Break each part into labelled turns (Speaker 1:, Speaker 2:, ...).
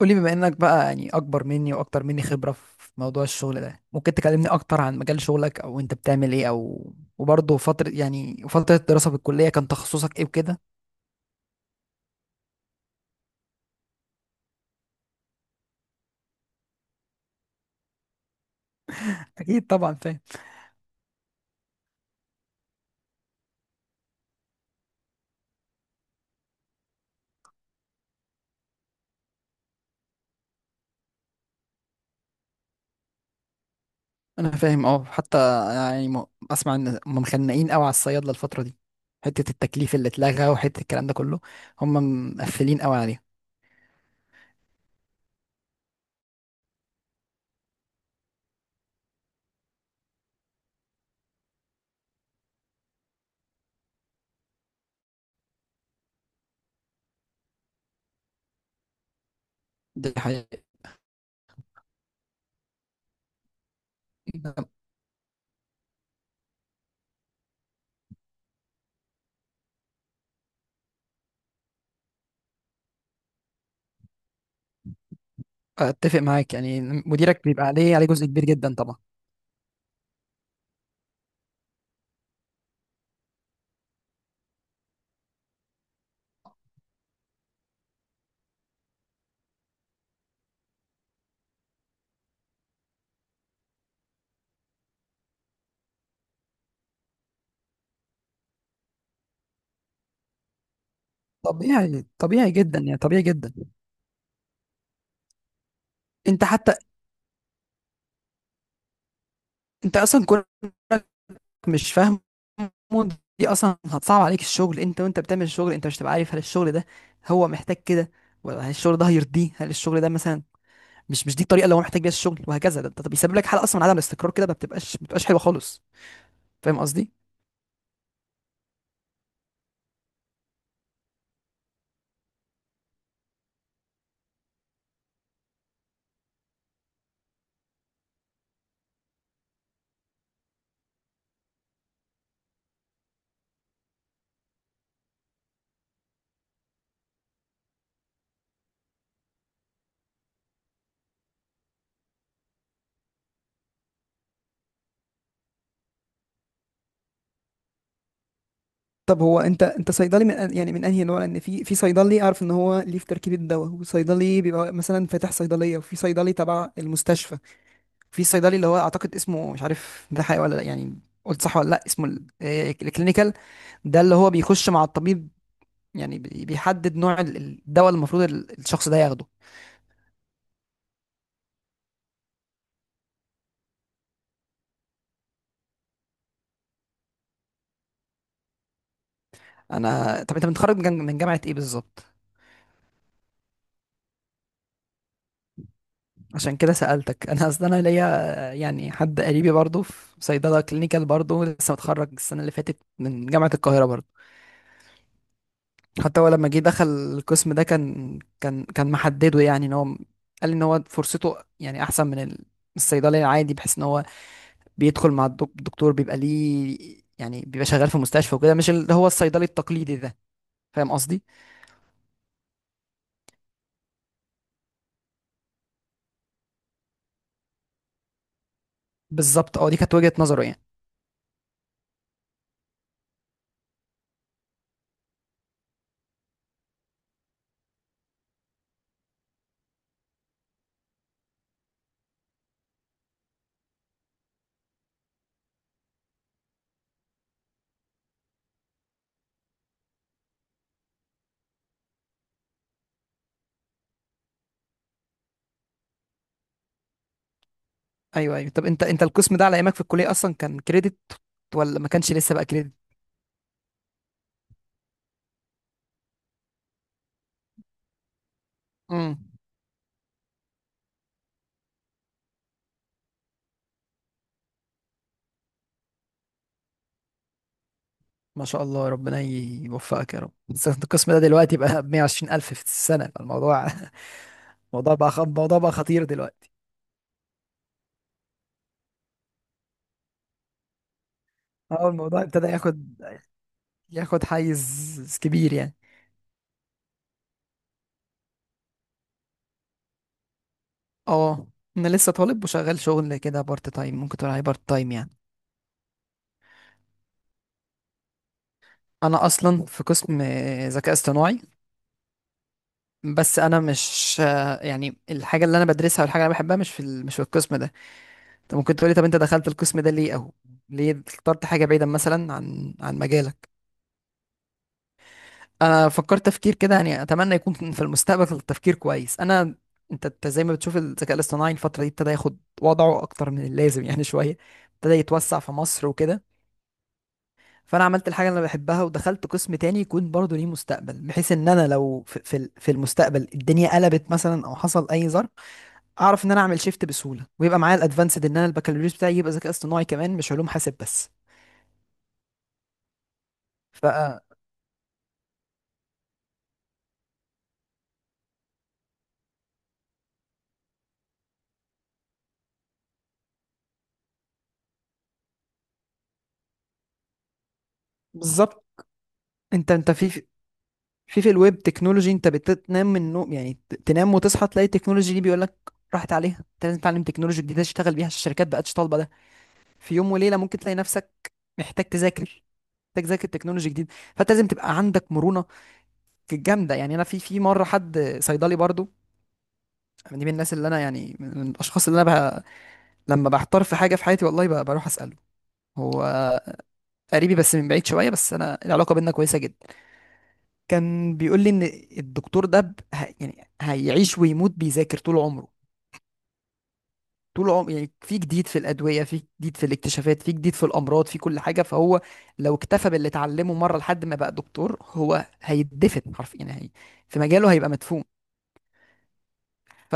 Speaker 1: قولي بما انك بقى اكبر مني واكتر مني خبرة في موضوع الشغل ده، ممكن تكلمني اكتر عن مجال شغلك او انت بتعمل ايه، او وبرضه فترة فترة الدراسة في الكلية كان تخصصك ايه وكده. اكيد طبعا فاهم. انا فاهم، اه، حتى يعني اسمع ان هم مخنقين قوي على الصيادلة الفترة دي، حتة التكليف اللي اتلغى وحتة الكلام ده كله. هم مقفلين قوي عليها. دي حقيقة. اتفق معاك يعني، مديرك بيبقى عليه جزء كبير جدا طبعا. طبيعي، طبيعي جدا يعني، طبيعي جدا. انت حتى، انت اصلا كونك مش فاهمه، دي اصلا هتصعب عليك الشغل انت وانت بتعمل الشغل، انت مش هتبقى عارف هل الشغل ده هو محتاج كده، ولا هل الشغل ده هيرضيه، هل الشغل ده مثلا مش دي الطريقه اللي هو محتاج بيها الشغل، وهكذا. ده بيسبب لك حاله اصلا من عدم الاستقرار كده، ما بتبقاش حلوه خالص. فاهم قصدي؟ طب هو انت، انت صيدلي من يعني من انهي نوع؟ لان في صيدلي اعرف ان هو ليه في تركيبه الدواء، وصيدلي بيبقى مثلا فاتح صيدليه، وفي صيدلي تبع المستشفى، في صيدلي اللي هو اعتقد اسمه مش عارف ده حقيقي ولا لا يعني، قلت صح ولا لا، اسمه الكلينيكال. ده اللي هو بيخش مع الطبيب، يعني بيحدد نوع الدواء اللي المفروض الشخص ده ياخده. انا طب انت متخرج من من جامعة ايه بالظبط؟ عشان كده سألتك، انا اصل انا ليا، يعني حد قريبي برضه في صيدلة كلينيكال برضه، لسه متخرج السنة اللي فاتت من جامعة القاهرة برضه. حتى هو لما جه دخل القسم ده كان محدده، يعني ان هو قال ان هو فرصته يعني احسن من الصيدلي العادي، بحيث ان هو بيدخل مع الدكتور، بيبقى ليه يعني بيبقى شغال في مستشفى وكده، مش اللي هو الصيدلي التقليدي ده. فاهم قصدي؟ بالظبط، اه، دي كانت وجهة نظره يعني. ايوه ايوه. طب انت، انت القسم ده على ايامك في الكلية اصلا كان كريدت ولا ما كانش لسه بقى كريدت؟ امم. ما شاء الله، ربنا يوفقك يا رب. بس انت القسم ده دلوقتي بقى ب 120 الف في السنة، الموضوع الموضوع بقى الموضوع بقى خطير دلوقتي. اه، الموضوع ابتدى ياخد، ياخد حيز كبير يعني. اه، انا لسه طالب وشغال شغل كده بارت تايم، ممكن تقول عليه بارت تايم يعني. انا اصلا في قسم ذكاء اصطناعي، بس انا مش، يعني الحاجه اللي انا بدرسها والحاجه اللي انا بحبها مش في القسم ده. انت ممكن تقولي طب انت دخلت القسم ده ليه، او ليه اخترت حاجه بعيده مثلا عن مجالك؟ انا فكرت تفكير كده يعني، اتمنى يكون في المستقبل تفكير كويس. انا انت أنت زي ما بتشوف الذكاء الاصطناعي الفتره دي ابتدى ياخد وضعه اكتر من اللازم يعني شويه، ابتدى يتوسع في مصر وكده. فانا عملت الحاجه اللي انا بحبها ودخلت قسم تاني يكون برضه ليه مستقبل، بحيث ان انا لو في المستقبل الدنيا قلبت مثلا او حصل اي ظرف، اعرف ان انا اعمل شيفت بسهوله، ويبقى معايا الادفانسد ان انا البكالوريوس بتاعي يبقى ذكاء اصطناعي كمان، مش علوم حاسب بس. ف بالظبط انت انت في في الويب تكنولوجي، انت بتنام من النوم يعني، تنام وتصحى تلاقي التكنولوجي دي بيقول لك راحت عليها، انت لازم تتعلم تكنولوجي جديده تشتغل بيها عشان الشركات بقتش طالبه ده. في يوم وليله ممكن تلاقي نفسك محتاج تذاكر، محتاج تذاكر تكنولوجي جديد، فانت لازم تبقى عندك مرونه. كانت جامده يعني. انا في مره حد صيدلي برضو، دي من الناس اللي انا يعني من الاشخاص اللي انا بقى لما بحتار في حاجه في حياتي، والله بقى بروح اساله. هو قريبي بس من بعيد شويه، بس انا العلاقه بينا كويسه جدا. كان بيقول لي ان الدكتور ده يعني هيعيش ويموت بيذاكر طول عمره، طول عمره، يعني في جديد في الادويه، في جديد في الاكتشافات، في جديد في الامراض، في كل حاجه. فهو لو اكتفى باللي اتعلمه مره لحد ما بقى دكتور، هو هيدفن حرفيا يعني، هي في مجاله هيبقى مدفون. ف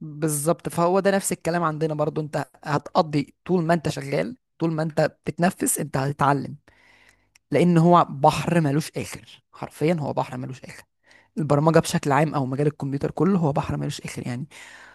Speaker 1: بالظبط فهو ده نفس الكلام عندنا برضو، انت هتقضي طول ما انت شغال، طول ما انت بتتنفس انت هتتعلم، لان هو بحر ملوش اخر حرفيا، هو بحر ملوش اخر. البرمجة بشكل عام او مجال الكمبيوتر كله هو بحر ملوش اخر يعني،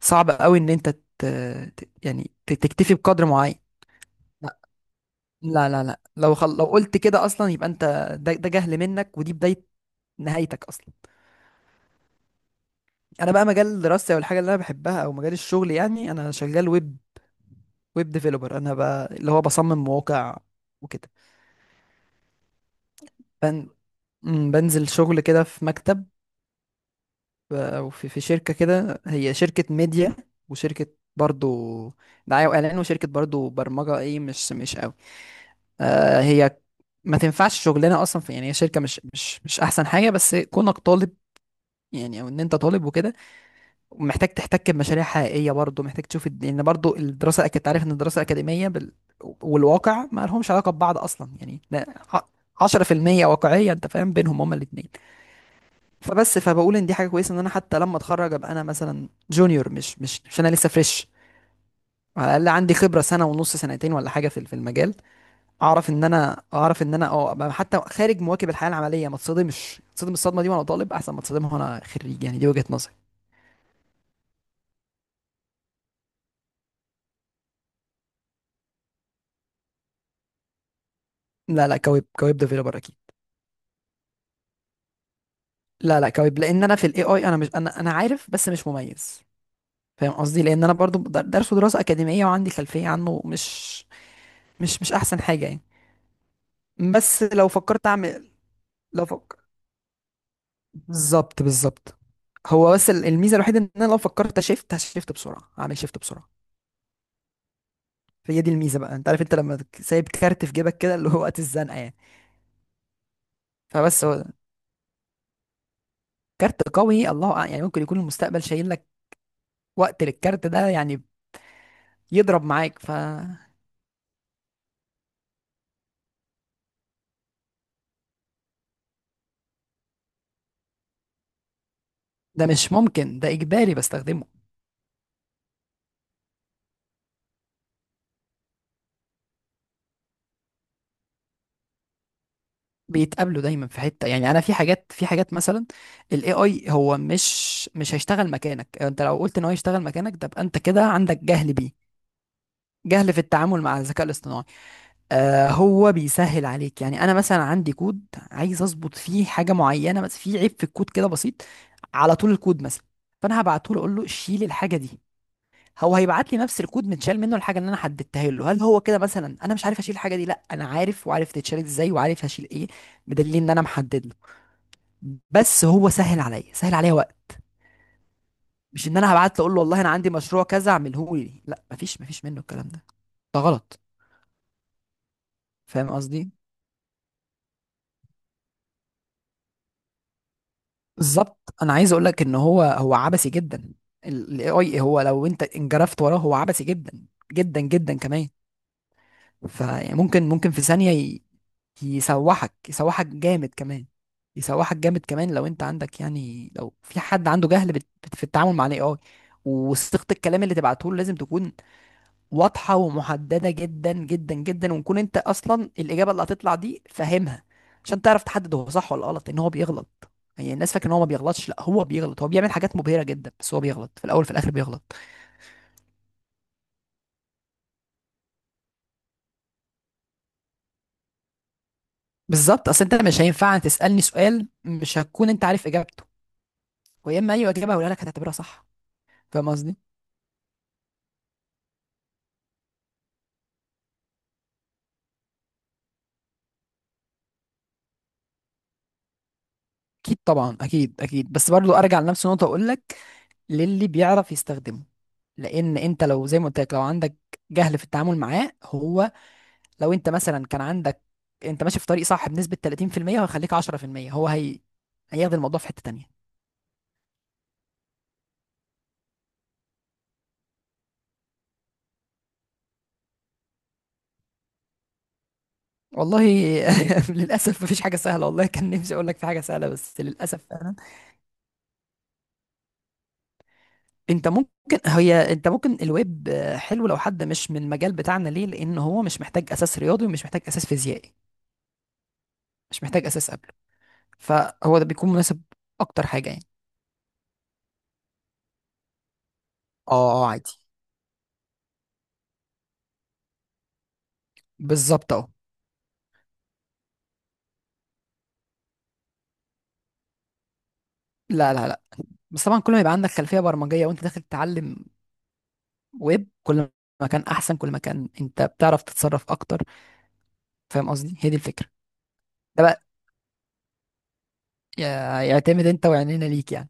Speaker 1: صعب قوي ان انت تكتفي بقدر معين. لا لا لو قلت كده اصلا يبقى انت، ده جهل منك، ودي بداية نهايتك اصلا. انا بقى مجال دراستي، او الحاجة اللي انا بحبها، او مجال الشغل، يعني انا شغال ويب ديفيلوبر. انا بقى اللي هو بصمم مواقع وكده، بن... مم، بنزل شغل كده في مكتب، او في شركه كده، هي شركه ميديا وشركه برضو دعايه واعلان، وشركه برضو برمجه ايه، مش مش قوي، آه، هي ما تنفعش شغلنا اصلا في يعني، هي شركه مش احسن حاجه، بس كونك طالب يعني، او ان انت طالب وكده، محتاج تحتك بمشاريع حقيقيه برضه، محتاج تشوف لان برضه الدراسه، كنت عارف ان الدراسه الاكاديميه والواقع ما لهمش علاقه ببعض اصلا يعني. ده ع- 10% واقعيه انت فاهم بينهم هما الاثنين. فبس فبقول ان دي حاجه كويسه، ان انا حتى لما اتخرج ابقى انا مثلا جونيور، مش مش مش انا لسه فريش. على الاقل عندي خبره سنه ونص، سنتين ولا حاجه في المجال، اعرف ان انا، اعرف ان انا اه أبقى حتى خارج مواكب الحياه العمليه، ما اتصدمش، اتصدم الصدمه دي وانا طالب احسن ما اتصدمها وانا خريج يعني، دي وجهه نظري. لا لا، كويب، ديفيلوبر اكيد. لا لا كويب، لان انا في الاي اي، انا مش، انا انا عارف بس مش مميز، فاهم قصدي؟ لان انا برضو درسه دراسه اكاديميه، وعندي خلفيه عنه، مش احسن حاجه يعني. بس لو فكرت اعمل، لو فكر، بالظبط بالظبط. هو بس الميزه الوحيده ان انا لو فكرت شيفت هشيفت بسرعه، هعمل شيفت بسرعه. فهي دي الميزه بقى، انت عارف، انت لما سايب كارت في جيبك كده اللي هو وقت الزنقه يعني. فبس هو كارت قوي، الله أعلم، يعني ممكن يكون المستقبل شايل لك وقت للكارت ده يعني، يضرب معاك. ده مش ممكن، ده اجباري بستخدمه. بيتقابلوا دايما في حته يعني. انا في حاجات، في حاجات مثلا الاي اي هو مش هيشتغل مكانك، انت لو قلت ان هو يشتغل مكانك تبقى انت كده عندك جهل بيه، جهل في التعامل مع الذكاء الاصطناعي. آه هو بيسهل عليك يعني. انا مثلا عندي كود عايز اظبط فيه حاجه معينه، بس في عيب في الكود كده بسيط على طول الكود مثلا، فانا هبعته له اقول له شيل الحاجه دي، هو هيبعت لي نفس الكود متشال منه الحاجه اللي انا حددتها له. هل هو كده مثلا انا مش عارف اشيل الحاجه دي؟ لا انا عارف، وعارف تتشال ازاي، وعارف هشيل ايه، بدليل ان انا محدد له. بس هو سهل عليا، سهل عليا وقت، مش ان انا هبعت له اقول له والله انا عندي مشروع كذا اعمله لي، لا، مفيش منه الكلام ده، ده غلط. فاهم قصدي؟ بالظبط. انا عايز اقول لك ان هو، هو عبثي جدا، الاي اي، هو لو انت انجرفت وراه هو عبثي جدا، جدا جدا كمان. فممكن، ممكن في ثانية يسوحك، يسوحك جامد كمان، يسوحك جامد كمان لو انت عندك، يعني لو في حد عنده جهل في التعامل مع الاي اي. وصيغة الكلام اللي تبعته له لازم تكون واضحة ومحددة جدا جدا جدا، ونكون انت اصلا الاجابة اللي هتطلع دي فاهمها، عشان تعرف تحدد هو صح ولا غلط، ان هو بيغلط يعني. الناس فاكره ان هو ما بيغلطش، لا هو بيغلط، هو بيعمل حاجات مبهرة جدا بس هو بيغلط، في الاول في الاخر بيغلط. بالظبط. اصل انت مش هينفع تسألني سؤال مش هتكون انت عارف اجابته، ويا اما اي اجابة هقولها لك هتعتبرها صح. فاهم قصدي؟ اكيد طبعا، اكيد اكيد، بس برضو ارجع لنفس النقطة واقول لك، للي بيعرف يستخدمه. لان انت لو زي ما قلت لك، لو عندك جهل في التعامل معاه، هو لو انت مثلا كان عندك، انت ماشي في طريق صح بنسبة 30% وهيخليك 10%. هو، هي، هياخد الموضوع في حتة تانية. والله للأسف مفيش حاجة سهلة والله، كان نفسي أقول لك في حاجة سهلة بس للأسف فعلا. أنت ممكن الويب، آه، حلو لو حد مش من المجال بتاعنا، ليه؟ لأن هو مش محتاج أساس رياضي، ومش محتاج أساس فيزيائي، مش محتاج أساس قبله، فهو ده بيكون مناسب أكتر حاجة يعني. اه اه عادي، بالظبط أهو. لا لا لا، بس طبعا كل ما يبقى عندك خلفية برمجية وأنت داخل تتعلم ويب، كل ما كان احسن، كل ما كان انت بتعرف تتصرف اكتر. فاهم قصدي؟ هي دي الفكره. ده بقى يعتمد، انت وعينينا ليك يعني.